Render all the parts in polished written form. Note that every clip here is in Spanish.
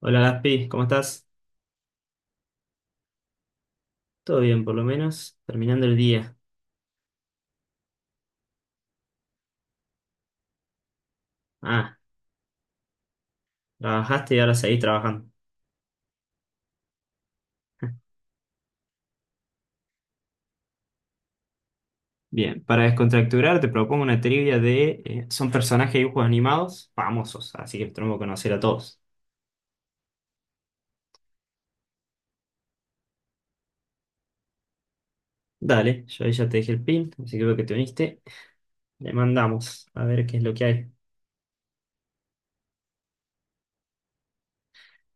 Hola Gaspi, ¿cómo estás? Todo bien, por lo menos, terminando el día. Ah, trabajaste y ahora seguís trabajando. Bien, para descontracturar te propongo una trivia son personajes de dibujos animados famosos, así que los tenemos que conocer a todos. Dale, yo ahí ya te dejé el pin, así que veo que te uniste. Le mandamos a ver qué es lo que hay.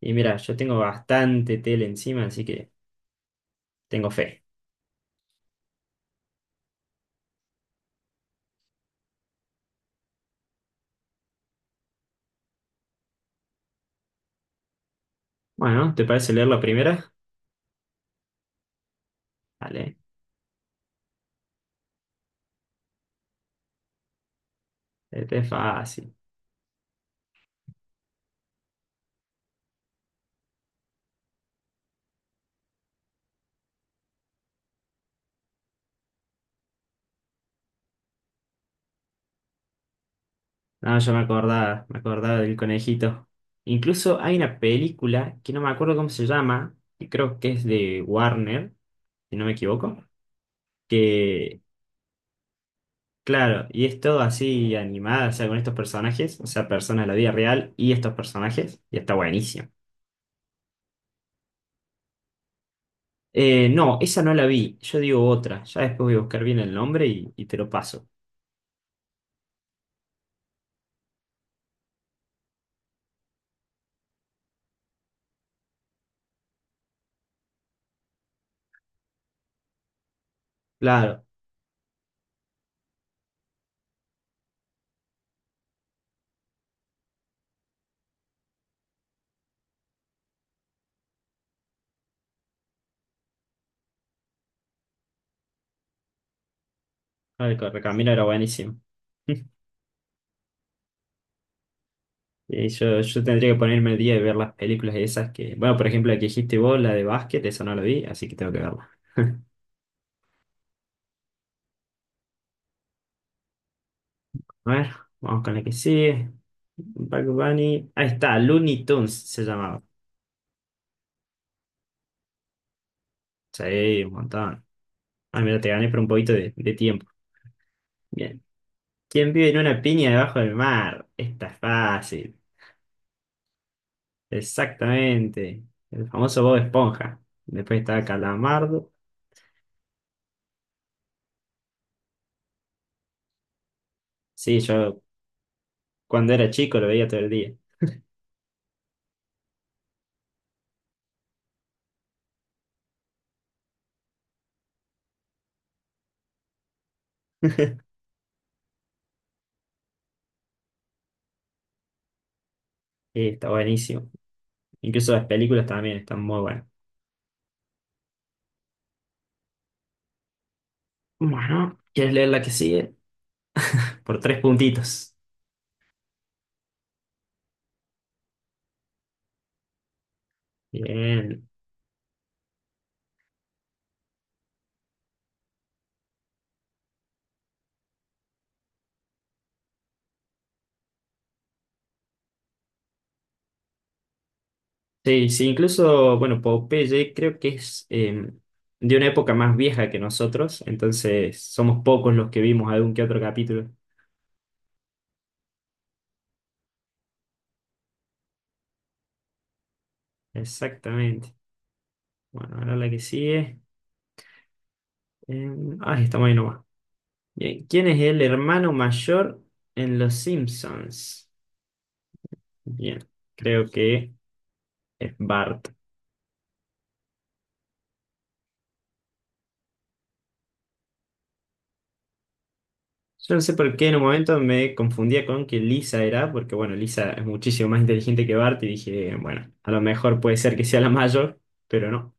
Y mira, yo tengo bastante tele encima, así que tengo fe. Bueno, ¿te parece leer la primera? Dale, este es fácil. No, yo me acordaba del conejito. Incluso hay una película que no me acuerdo cómo se llama, que creo que es de Warner, si no me equivoco, que, claro, y es todo así animada, o sea, con estos personajes, o sea, personas de la vida real y estos personajes, y está buenísimo. No, esa no la vi, yo digo otra, ya después voy a buscar bien el nombre y te lo paso. Claro, claro, el Correcamino era buenísimo. Y yo tendría que ponerme el día y ver las películas esas que. Bueno, por ejemplo, la que dijiste vos, la de básquet, esa no la vi, así que tengo que verla. A ver, vamos con la que sigue. Bad Bunny. Ahí está, Looney Tunes se llamaba. Sí, un montón. Ah, mira, te gané por un poquito de tiempo. Bien. ¿Quién vive en una piña debajo del mar? Esta es fácil. Exactamente. El famoso Bob Esponja. Después estaba Calamardo. Sí, yo cuando era chico lo veía todo el día. Sí, está buenísimo. Incluso las películas también están muy buenas. Bueno, ¿quieres leer la que sigue? Por tres puntitos. Bien. Sí, sí, incluso, bueno, Popeye creo que es de una época más vieja que nosotros, entonces somos pocos los que vimos algún que otro capítulo. Exactamente. Bueno, ahora la que sigue. Eh, ah, estamos ahí nomás. Bien. ¿Quién es el hermano mayor en Los Simpsons? Bien, creo que es Bart. Yo no sé por qué en un momento me confundía con que Lisa era, porque bueno, Lisa es muchísimo más inteligente que Bart y dije, bueno, a lo mejor puede ser que sea la mayor, pero no.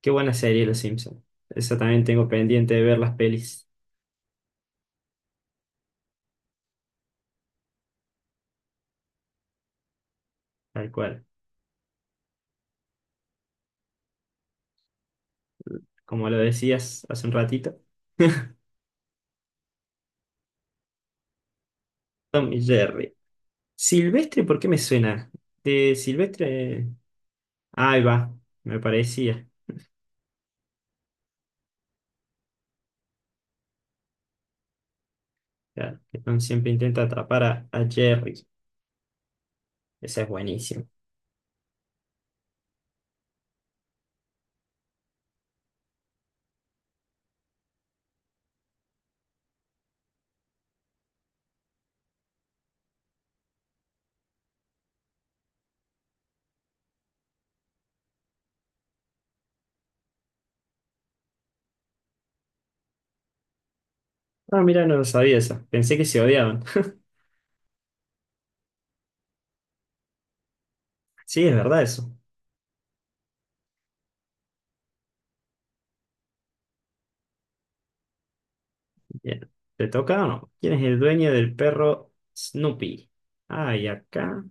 Qué buena serie Los Simpsons. Esa también tengo pendiente de ver las pelis, tal cual. Como lo decías hace un ratito. Tom y Jerry. Silvestre, ¿por qué me suena? De Silvestre. Ah, ahí va, me parecía. Claro, que Tom siempre intenta atrapar a Jerry. Esa es buenísima. Ah, mira, no lo sabía eso. Pensé que se odiaban. Sí, es verdad eso. Bien. ¿Te toca o no? ¿Quién es el dueño del perro Snoopy? Ah, y acá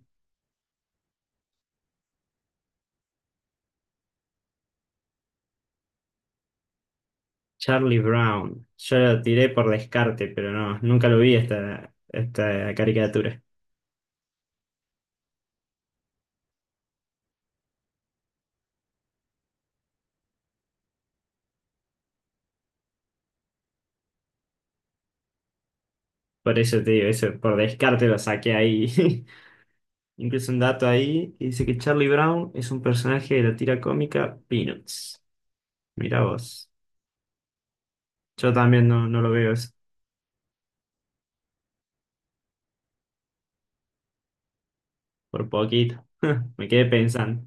Charlie Brown. Yo lo tiré por descarte, pero no, nunca lo vi esta caricatura. Por eso te digo, eso, por descarte lo saqué ahí. Incluso un dato ahí que dice que Charlie Brown es un personaje de la tira cómica Peanuts. Mira vos. Yo también no, no lo veo eso, por poquito. Me quedé pensando.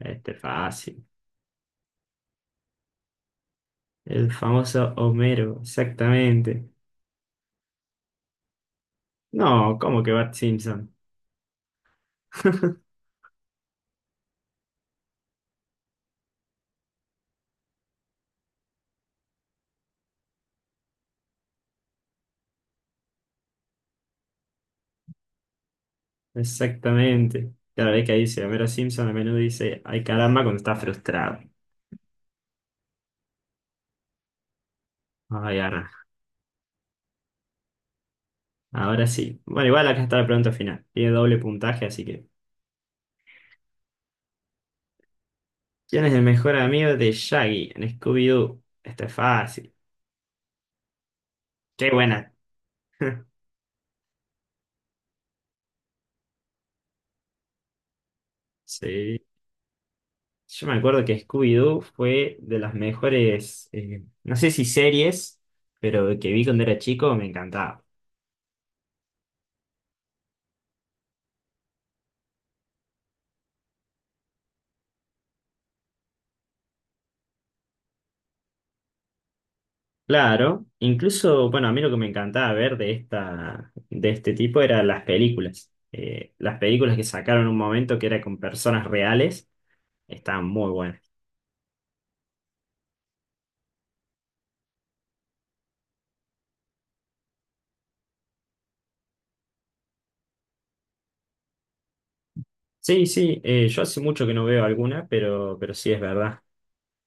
Este fácil. El famoso Homero, exactamente. No, ¿cómo que Bart Simpson? Exactamente. Cada vez que dice Homero Simpson, a menudo dice, ay caramba, cuando está frustrado. Ay, ahora, ahora sí. Bueno, igual acá está la pregunta final. Tiene doble puntaje, así que. ¿Quién es el mejor amigo de Shaggy en Scooby-Doo? Esto es fácil. ¡Qué buena! Sí. Yo me acuerdo que Scooby-Doo fue de las mejores, no sé si series, pero que vi cuando era chico, me encantaba. Claro, incluso, bueno, a mí lo que me encantaba ver de esta, de este tipo era las películas. Las películas que sacaron en un momento que era con personas reales, estaban muy buenas. Sí, sí, yo hace mucho que no veo alguna, pero sí es verdad.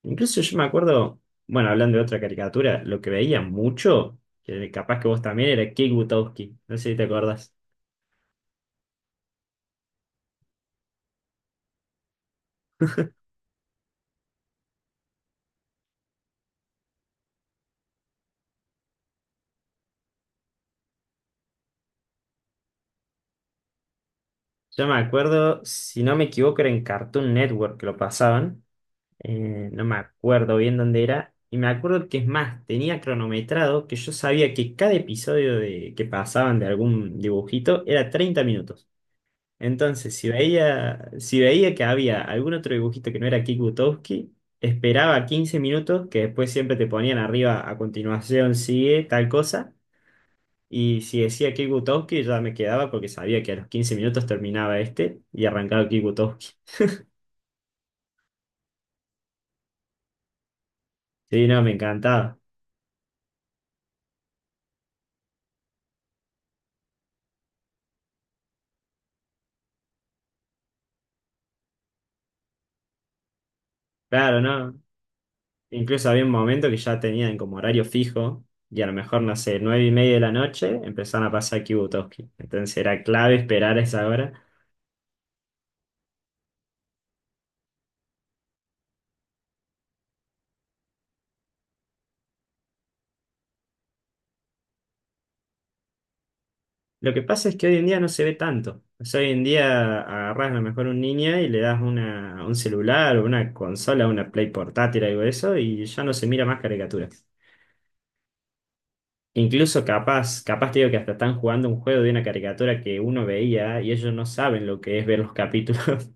Incluso yo me acuerdo, bueno, hablando de otra caricatura, lo que veía mucho, que capaz que vos también, era Kick Butowski. No sé si te acordás. Yo me acuerdo, si no me equivoco, era en Cartoon Network que lo pasaban. No me acuerdo bien dónde era, y me acuerdo que es más, tenía cronometrado que yo sabía que cada episodio de, que pasaban de algún dibujito era 30 minutos. Entonces, si veía que había algún otro dibujito que no era Kick, esperaba 15 minutos, que después siempre te ponían arriba a continuación, sigue tal cosa. Y si decía Kick, ya me quedaba porque sabía que a los 15 minutos terminaba este y arrancaba Kick. Sí, no, me encantaba. Claro, no. Incluso había un momento que ya tenían como horario fijo y a lo mejor, no sé, 9:30 de la noche empezaron a pasar Kibutoski. Entonces era clave esperar a esa hora. Lo que pasa es que hoy en día no se ve tanto. O sea, hoy en día agarrás a lo mejor un niño y le das un celular o una consola, una Play portátil, algo de eso, y ya no se mira más caricaturas. Incluso capaz, capaz te digo que hasta están jugando un juego de una caricatura que uno veía y ellos no saben lo que es ver los capítulos.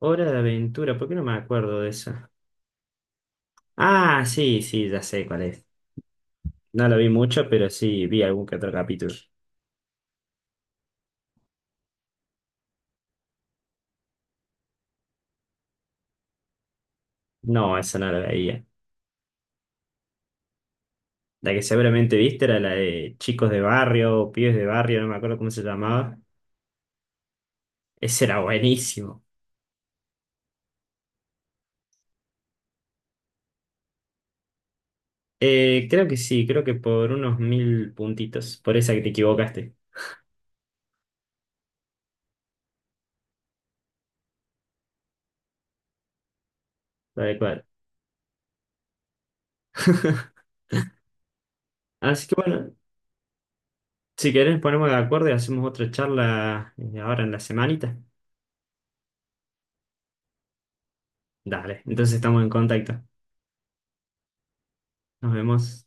Hora de aventura, ¿por qué no me acuerdo de eso? Ah, sí, sí, ya sé cuál es. No lo vi mucho, pero sí vi algún que otro capítulo. No, esa no la veía. La que seguramente viste era la de chicos de barrio, pibes de barrio, no me acuerdo cómo se llamaba. Ese era buenísimo. Creo que sí, creo que por unos 1000 puntitos, por esa que te equivocaste, tal cual. Así que bueno, si querés ponemos de acuerdo y hacemos otra charla ahora en la semanita. Dale, entonces estamos en contacto. Nos vemos.